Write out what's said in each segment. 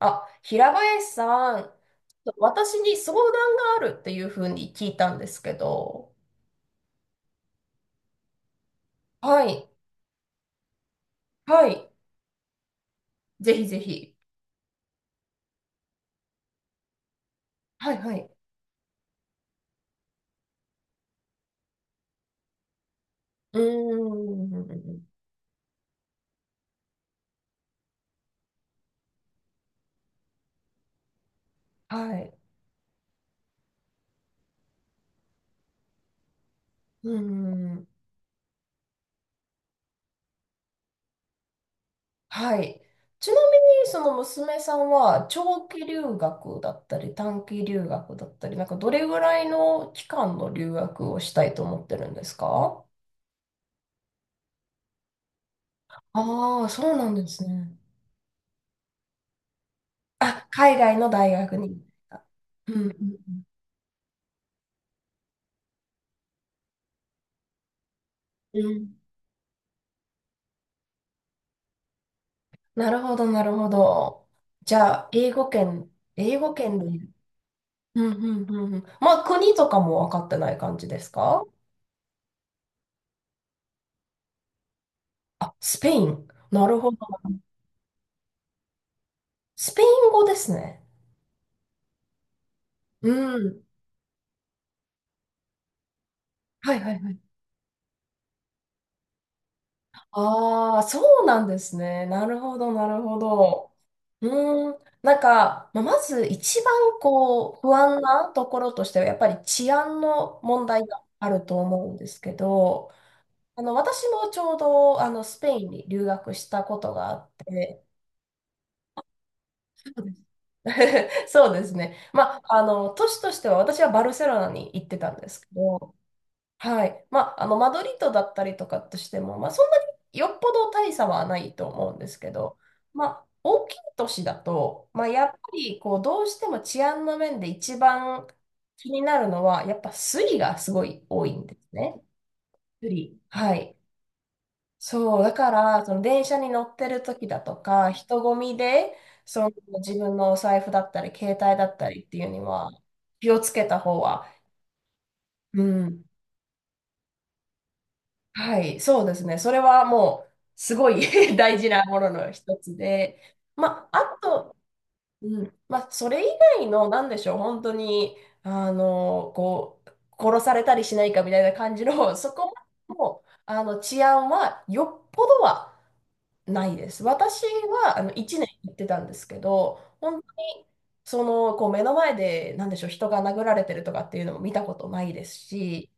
あ、平林さん、私に相談があるっていうふうに聞いたんですけど、はい、はい、ぜひぜひ。はい、はい。うーん、はい、うーん、はい。ちなみに、その娘さんは長期留学だったり、短期留学だったり、なんかどれぐらいの期間の留学をしたいと思ってるんですか？ああー、そうなんですね。あ、海外の大学に。うん、うん、うん。うん、なるほど、なるほど。じゃあ、英語圏、英語圏でいる、うんうんうんうん。まあ、国とかも分かってない感じですか？あ、スペイン。なるほど。スペイン語ですね。うん。はいはいはい。ああ、そうなんですね。なるほど、なるほど。うーん。なんか、まあまず一番こう、不安なところとしては、やっぱり治安の問題があると思うんですけど、私もちょうど、スペインに留学したことがあって、そうです。 そうですね。まあ、都市としては私はバルセロナに行ってたんですけど、はい。まあ、マドリードだったりとかとしても、まあ、そんなによっぽど大差はないと思うんですけど、まあ、大きい都市だと、まあ、やっぱり、こう、どうしても治安の面で一番気になるのは、やっぱスリがすごい多いんですね。スリ。はい。そう、だから、その電車に乗ってる時だとか、人混みで、その自分のお財布だったり、携帯だったりっていうには、気をつけた方は、うん。はい、そうですね。それはもう、すごい 大事なものの一つで、まあ、あと、うん、まあ、それ以外の、なんでしょう、本当に、こう、殺されたりしないかみたいな感じの、そこも、治安は、よっぽどは、ないです。私はあの1年行ってたんですけど、本当にそのこう目の前で何でしょう、人が殴られてるとかっていうのも見たことないですし、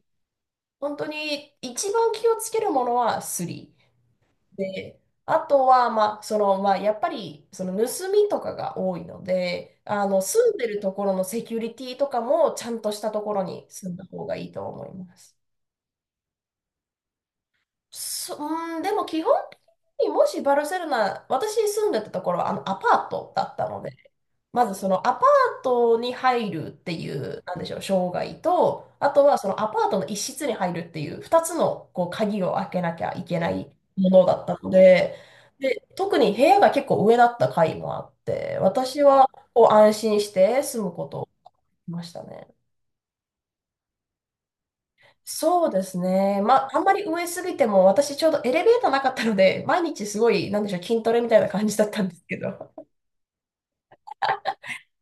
本当に一番気をつけるものはスリで、あとは、まあそのまあ、やっぱりその盗みとかが多いので、あの住んでるところのセキュリティとかもちゃんとしたところに住んだ方がいいと思います。そ、うん、でも基本的にもしバルセロナ、私住んでたところはあのアパートだったので、まずそのアパートに入るっていう、なんでしょう、障害と、あとはそのアパートの一室に入るっていう2つのこう鍵を開けなきゃいけないものだったので、で、特に部屋が結構上だった階もあって、私はこう安心して住むことをしましたね。そうですね。まあ、あんまり上すぎても、私ちょうどエレベーターなかったので、毎日すごい、なんでしょう、筋トレみたいな感じだったんですけど。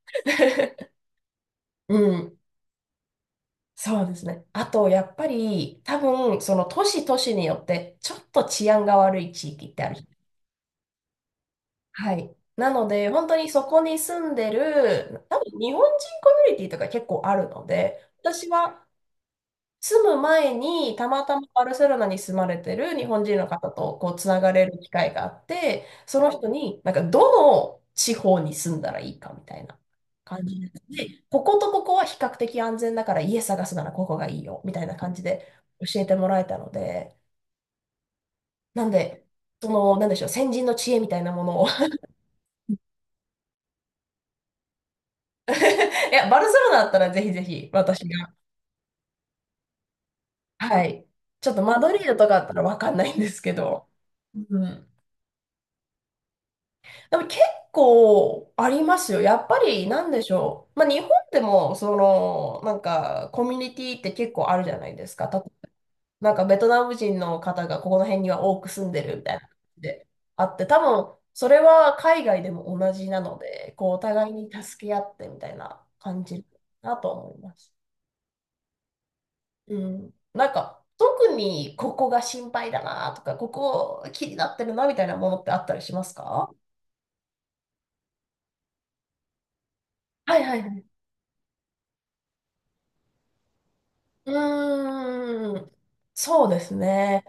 うん、そうですね。あと、やっぱり、多分、その都市都市によって、ちょっと治安が悪い地域ってある。はい。なので、本当にそこに住んでる、多分、日本人コミュニティとか結構あるので、私は住む前に、たまたまバルセロナに住まれてる日本人の方とこうつながれる機会があって、その人に、なんかどの地方に住んだらいいかみたいな感じで、でこことここは比較的安全だから家探すならここがいいよみたいな感じで教えてもらえたので、なんで、その、なんでしょう、先人の知恵みたいなものを。 いや、バルセロナだったらぜひぜひ私が、はい、ちょっとマドリードとかだったらわかんないんですけど、うん、でも結構ありますよ。やっぱりなんでしょう。まあ日本でもそのなんかコミュニティって結構あるじゃないですか。た、なんかベトナム人の方がここの辺には多く住んでるみたいな感じであって、多分それは海外でも同じなので、こうお互いに助け合ってみたいな感じだと思います。うん。なんか特にここが心配だなとか、ここ気になってるなみたいなものってあったりしますか？はいはいはい、うーん。そうですね。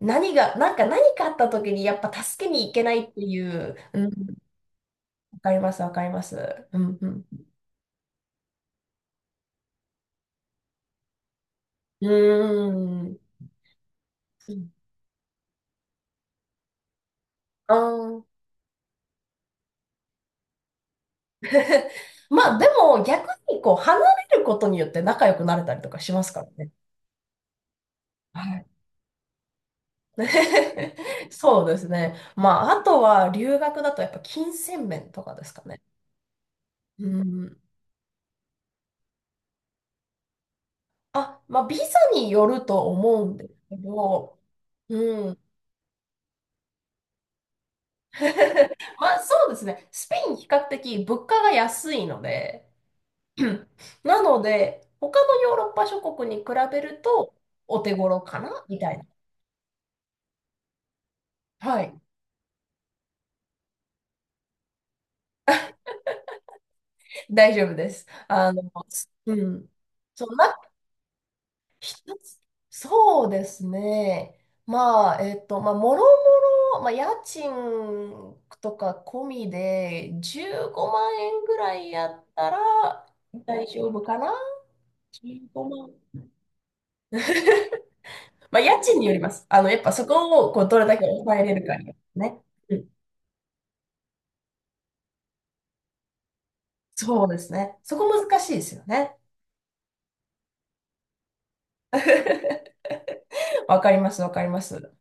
何が、なんか何かあった時にやっぱ助けに行けないっていう、うん、わかります、わかります。うん、うん。うーん。あ。まあでも逆にこう離れることによって仲良くなれたりとかしますからね。はい。そうですね。まああとは留学だとやっぱ金銭面とかですかね。うん。あ、まあ、ビザによると思うんですけど、うん。まあ、そうですね。スペイン比較的物価が安いので、なので、他のヨーロッパ諸国に比べるとお手頃かなみたいな。はい。大丈夫です。うん。そう、一つそうですね。まあ、まあ、もろもろ、まあ、家賃とか込みで15万円ぐらいやったら大丈夫かな？ 15 万。まあ、家賃によります。あの、やっぱそこをこうどれだけ抑えれるかによってね。うん。そうですね。そこ難しいですよね。わかります、わかります。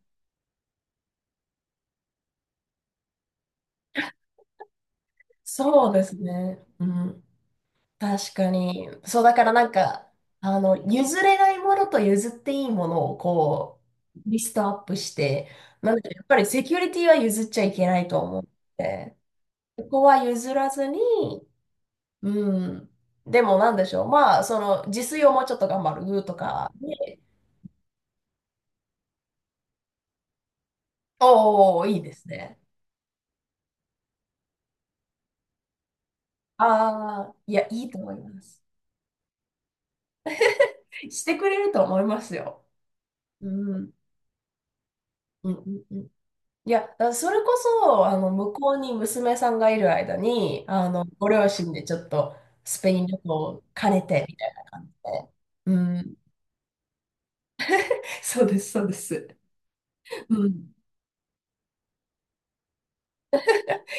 そうですね。うん。確かに。そう、だからなんか、譲れないものと譲っていいものをこう、リストアップして、なんで、やっぱりセキュリティは譲っちゃいけないと思って、ここは譲らずに、うん。でもなんでしょう。まあ、その、自炊をもうちょっと頑張るとかで、おお、いいですね。ああ、いや、いいと思います。してくれると思いますよ。うん。うんうんうん、いや、だからそれこそ、向こうに娘さんがいる間に、ご両親でちょっとスペイン旅行を兼ねて、みたいな感じで。うん。そうです、そうです。うん。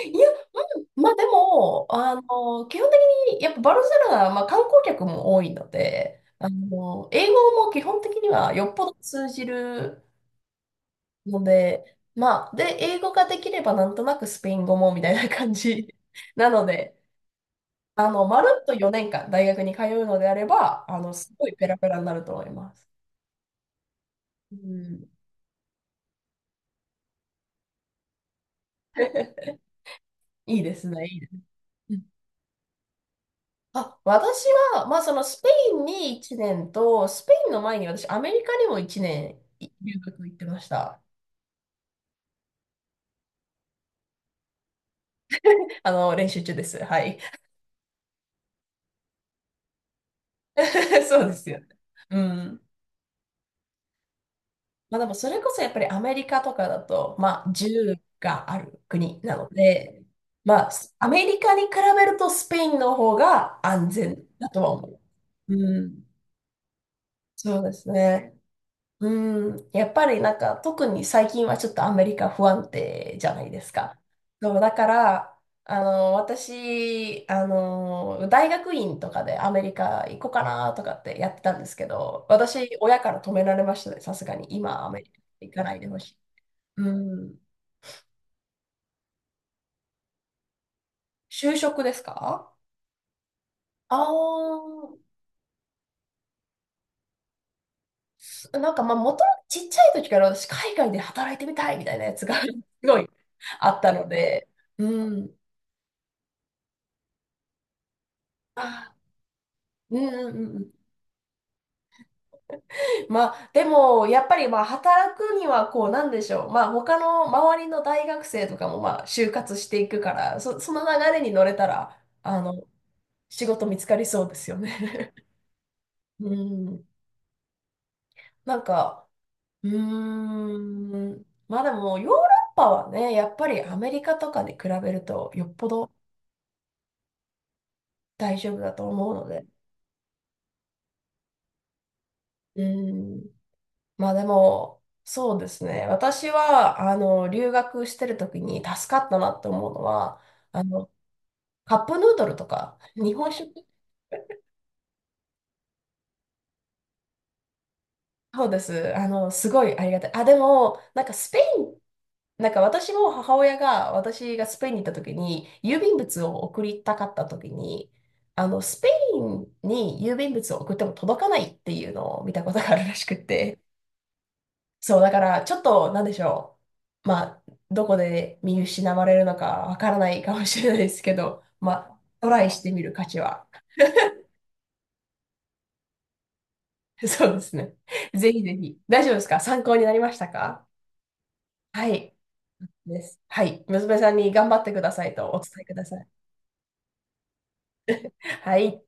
いや、まあでも、基本的に、やっぱバルセロナは、まあ、観光客も多いので、英語も基本的にはよっぽど通じるので、まあ、で、英語ができればなんとなくスペイン語もみたいな感じなので、まるっと4年間大学に通うのであれば、すごいペラペラになると思います。うん。いいですね、いいですね。うん、あ、私は、まあ、そのスペインに1年と、スペインの前に私、アメリカにも1年い留学行ってました。練習中です。はい。そうですよ。うん。まあ、でも、それこそやっぱりアメリカとかだと、まあ、銃がある国なので、まあ、アメリカに比べるとスペインの方が安全だとは思う。うん、そうですね。うん、やっぱりなんか特に最近はちょっとアメリカ不安定じゃないですか。そう、だから、私、大学院とかでアメリカ行こうかなとかってやってたんですけど、私、親から止められましたね、さすがに。今、アメリカ行かないでほしい。うん。就職ですか？ああー、す、なんかまあ元ともとちっちゃい時から私海外で働いてみたいみたいなやつが すごいあったので、うん。あ、うんうんうんうん。まあでもやっぱりまあ働くにはこうなんでしょう。まあ他の周りの大学生とかもまあ就活していくから、そ、その流れに乗れたら、あの、仕事見つかりそうですよね。うん。なんか、うーん。まあでもヨーロッパはね、やっぱりアメリカとかに比べるとよっぽど大丈夫だと思うので。うん。まあでも、そうですね。私は、留学してる時に助かったなって思うのは、あの、カップヌードルとか、日本食。そうです。すごいありがたい。あ、でも、なんかスペイン、なんか私も母親が、私がスペインに行った時に、郵便物を送りたかった時に、スペインに郵便物を送っても届かないっていうのを見たことがあるらしくて、そう、だから、ちょっと、なんでしょう。まあ、どこで見失われるのかわからないかもしれないですけど、まあ、トライしてみる価値は。そうですね。ぜひぜひ。大丈夫ですか？参考になりましたか？はい。です。はい。娘さんに頑張ってくださいとお伝えください。はい。